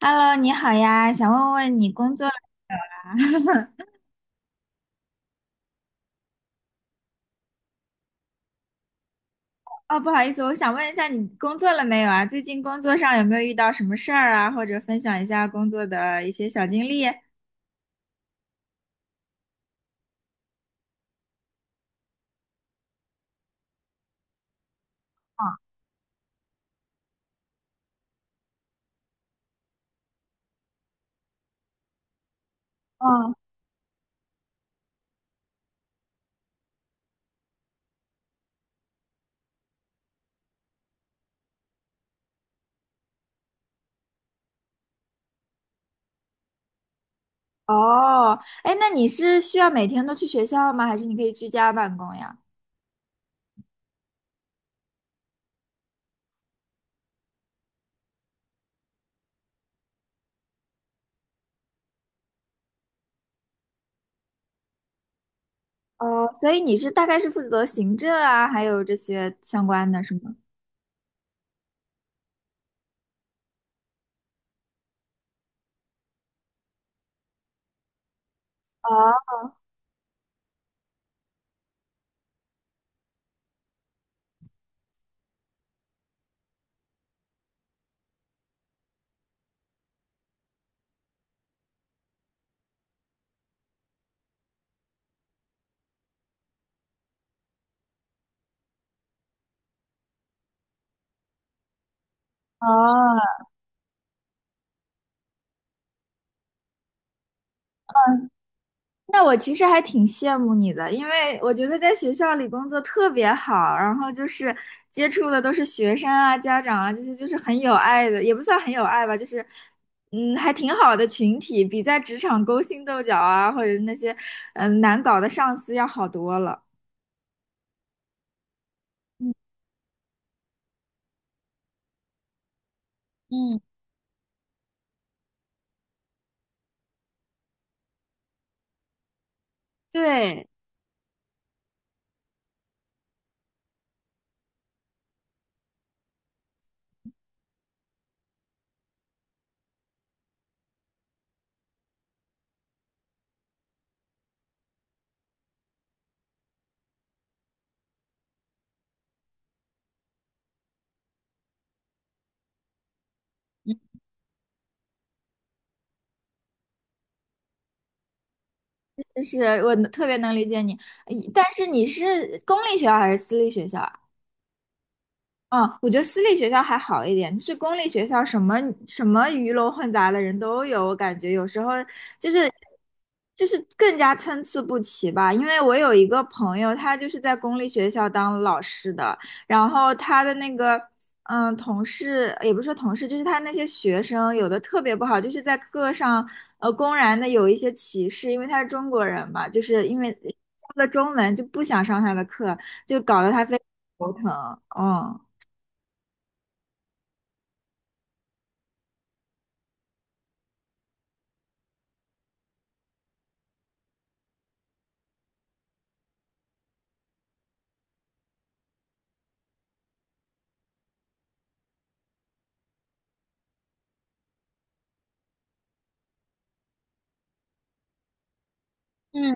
Hello，你好呀，想问问你工作了哦，不好意思，我想问一下你工作了没有啊？最近工作上有没有遇到什么事儿啊？或者分享一下工作的一些小经历？嗯，哦，哎，那你是需要每天都去学校吗？还是你可以居家办公呀？哦，所以你是大概是负责行政啊，还有这些相关的是吗？哦哦，那我其实还挺羡慕你的，因为我觉得在学校里工作特别好，然后接触的都是学生啊、家长啊这些，就是很有爱的，也不算很有爱吧，还挺好的群体，比在职场勾心斗角啊，或者是那些难搞的上司要好多了。嗯嗯，对，就是我特别能理解你，但是你是公立学校还是私立学校啊？嗯，我觉得私立学校还好一点，就是公立学校什么鱼龙混杂的人都有，我感觉有时候就是更加参差不齐吧。因为我有一个朋友，他就是在公立学校当老师的，然后他的那个同事也不是说同事，就是他那些学生有的特别不好，就是在课上公然的有一些歧视，因为他是中国人嘛，就是因为他的中文就不想上他的课，就搞得他非常头疼，嗯。嗯，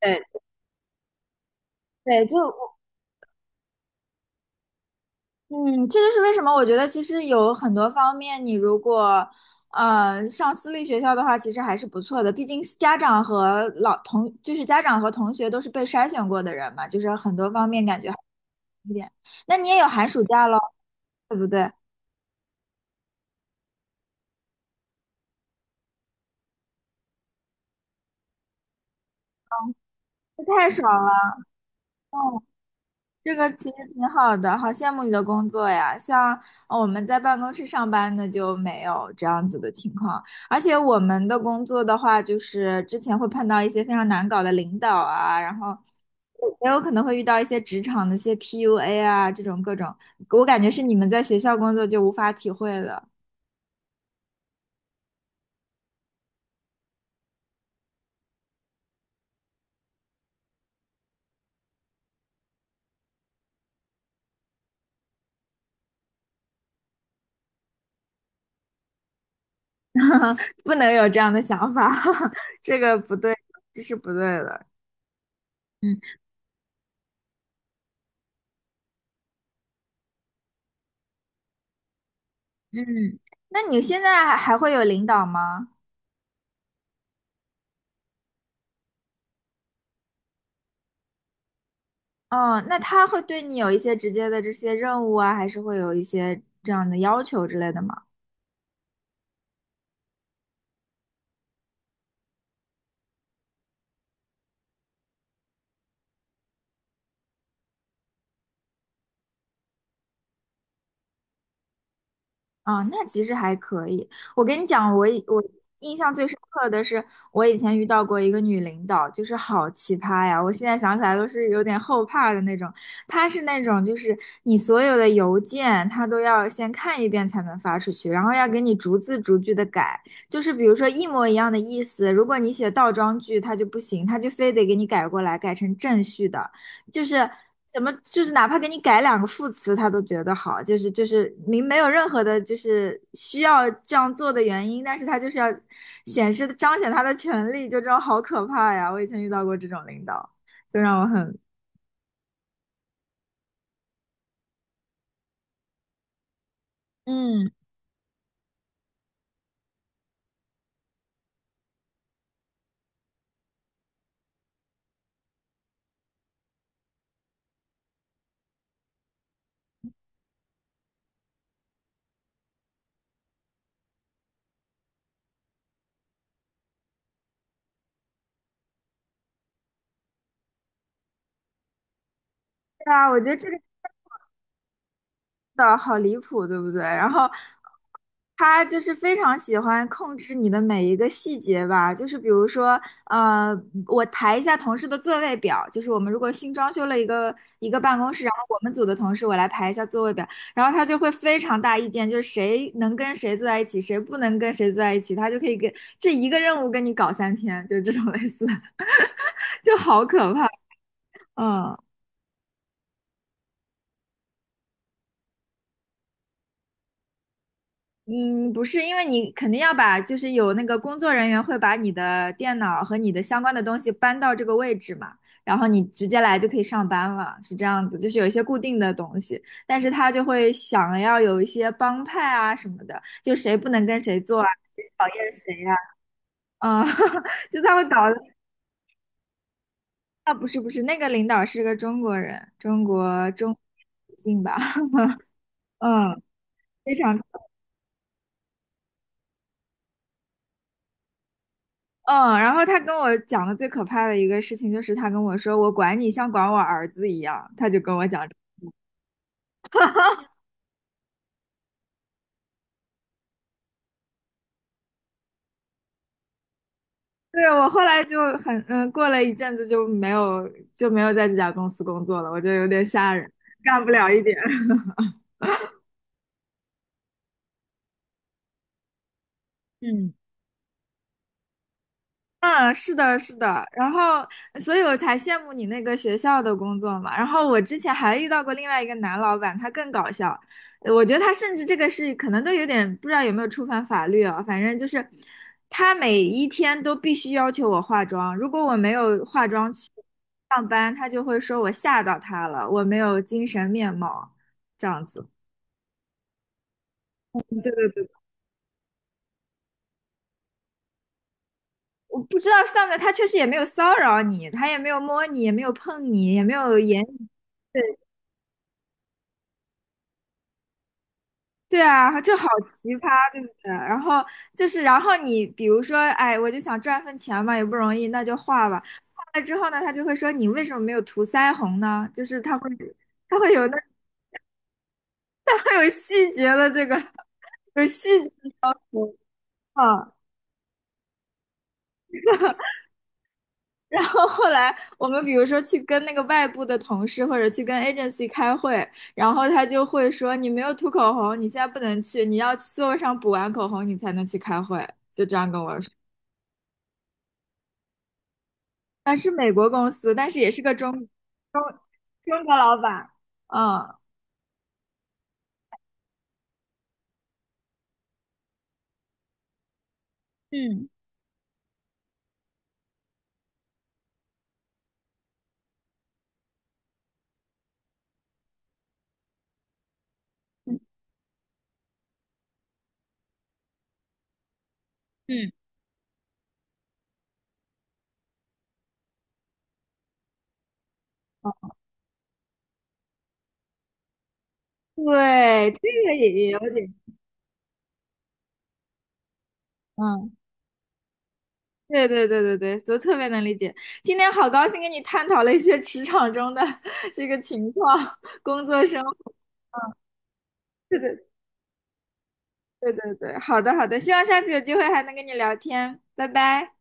对对，就我嗯，这就是为什么我觉得其实有很多方面，你如果上私立学校的话，其实还是不错的。毕竟家长和老同，就是家长和同学都是被筛选过的人嘛，就是很多方面感觉好一点。那你也有寒暑假喽，对不对？这太爽了。这个其实挺好的，好羡慕你的工作呀！像我们在办公室上班的就没有这样子的情况，而且我们的工作的话，就是之前会碰到一些非常难搞的领导啊，然后也有可能会遇到一些职场的一些 PUA 啊，这种各种，我感觉是你们在学校工作就无法体会了，不能有这样的想法，这个不对，这是不对的。嗯嗯，那你现在还会有领导吗？哦，那他会对你有一些直接的这些任务啊，还是会有一些这样的要求之类的吗？啊、那其实还可以。我跟你讲，我印象最深刻的是，我以前遇到过一个女领导，就是好奇葩呀！我现在想起来都是有点后怕的那种。她是那种，就是你所有的邮件，她都要先看一遍才能发出去，然后要给你逐字逐句的改。就是比如说一模一样的意思，如果你写倒装句，她就不行，她就非得给你改过来，改成正序的。就是怎么，就是哪怕给你改两个副词，他都觉得好，就是明没有任何的，就是需要这样做的原因，但是他就是要显示彰显他的权利，就这种好可怕呀！我以前遇到过这种领导，就让我很，嗯，对啊，我觉得这个的好离谱，对不对？然后他就是非常喜欢控制你的每一个细节吧，就是比如说，呃，我排一下同事的座位表，就是我们如果新装修了一个办公室，然后我们组的同事我来排一下座位表，然后他就会非常大意见，就是谁能跟谁坐在一起，谁不能跟谁坐在一起，他就可以给这一个任务跟你搞三天，就是这种类似的，就好可怕，嗯。嗯，不是，因为你肯定要把，就是有那个工作人员会把你的电脑和你的相关的东西搬到这个位置嘛，然后你直接来就可以上班了，是这样子，就是有一些固定的东西，但是他就会想要有一些帮派啊什么的，就谁不能跟谁做啊，谁讨厌谁啊，啊，嗯 就他会搞得啊，不是不是，那个领导是个中国人，中国女性吧，嗯，非常。嗯，然后他跟我讲的最可怕的一个事情就是他跟我说我管你像管我儿子一样，他就跟我讲这对，我后来就很嗯，过了一阵子就没有在这家公司工作了，我觉得有点吓人，干不了一点。嗯。嗯，是的，是的，然后，所以我才羡慕你那个学校的工作嘛。然后我之前还遇到过另外一个男老板，他更搞笑。我觉得他甚至这个是可能都有点不知道有没有触犯法律啊。反正就是他每一天都必须要求我化妆，如果我没有化妆去上班，他就会说我吓到他了，我没有精神面貌，这样子。对对对，我不知道算不算，他确实也没有骚扰你，他也没有摸你，也没有碰你，也没有言语。对啊，这好奇葩，对不对？然后就是，然后你比如说，哎，我就想赚份钱嘛，也不容易，那就画吧。画了之后呢，他就会说你为什么没有涂腮红呢？就是他会，他会有那，他会有细节的这个，有细节的啊。然后后来我们比如说去跟那个外部的同事或者去跟 agency 开会，然后他就会说你没有涂口红，你现在不能去，你要去座位上补完口红，你才能去开会。就这样跟我说。啊，是美国公司，但是也是个中中中国老板。嗯，嗯嗯嗯，对，这个也也有点，嗯，对对对对对，都特别能理解。今天好高兴跟你探讨了一些职场中的 这个情况，工作生活。对对对对对，好的好的，希望下次有机会还能跟你聊天，拜拜。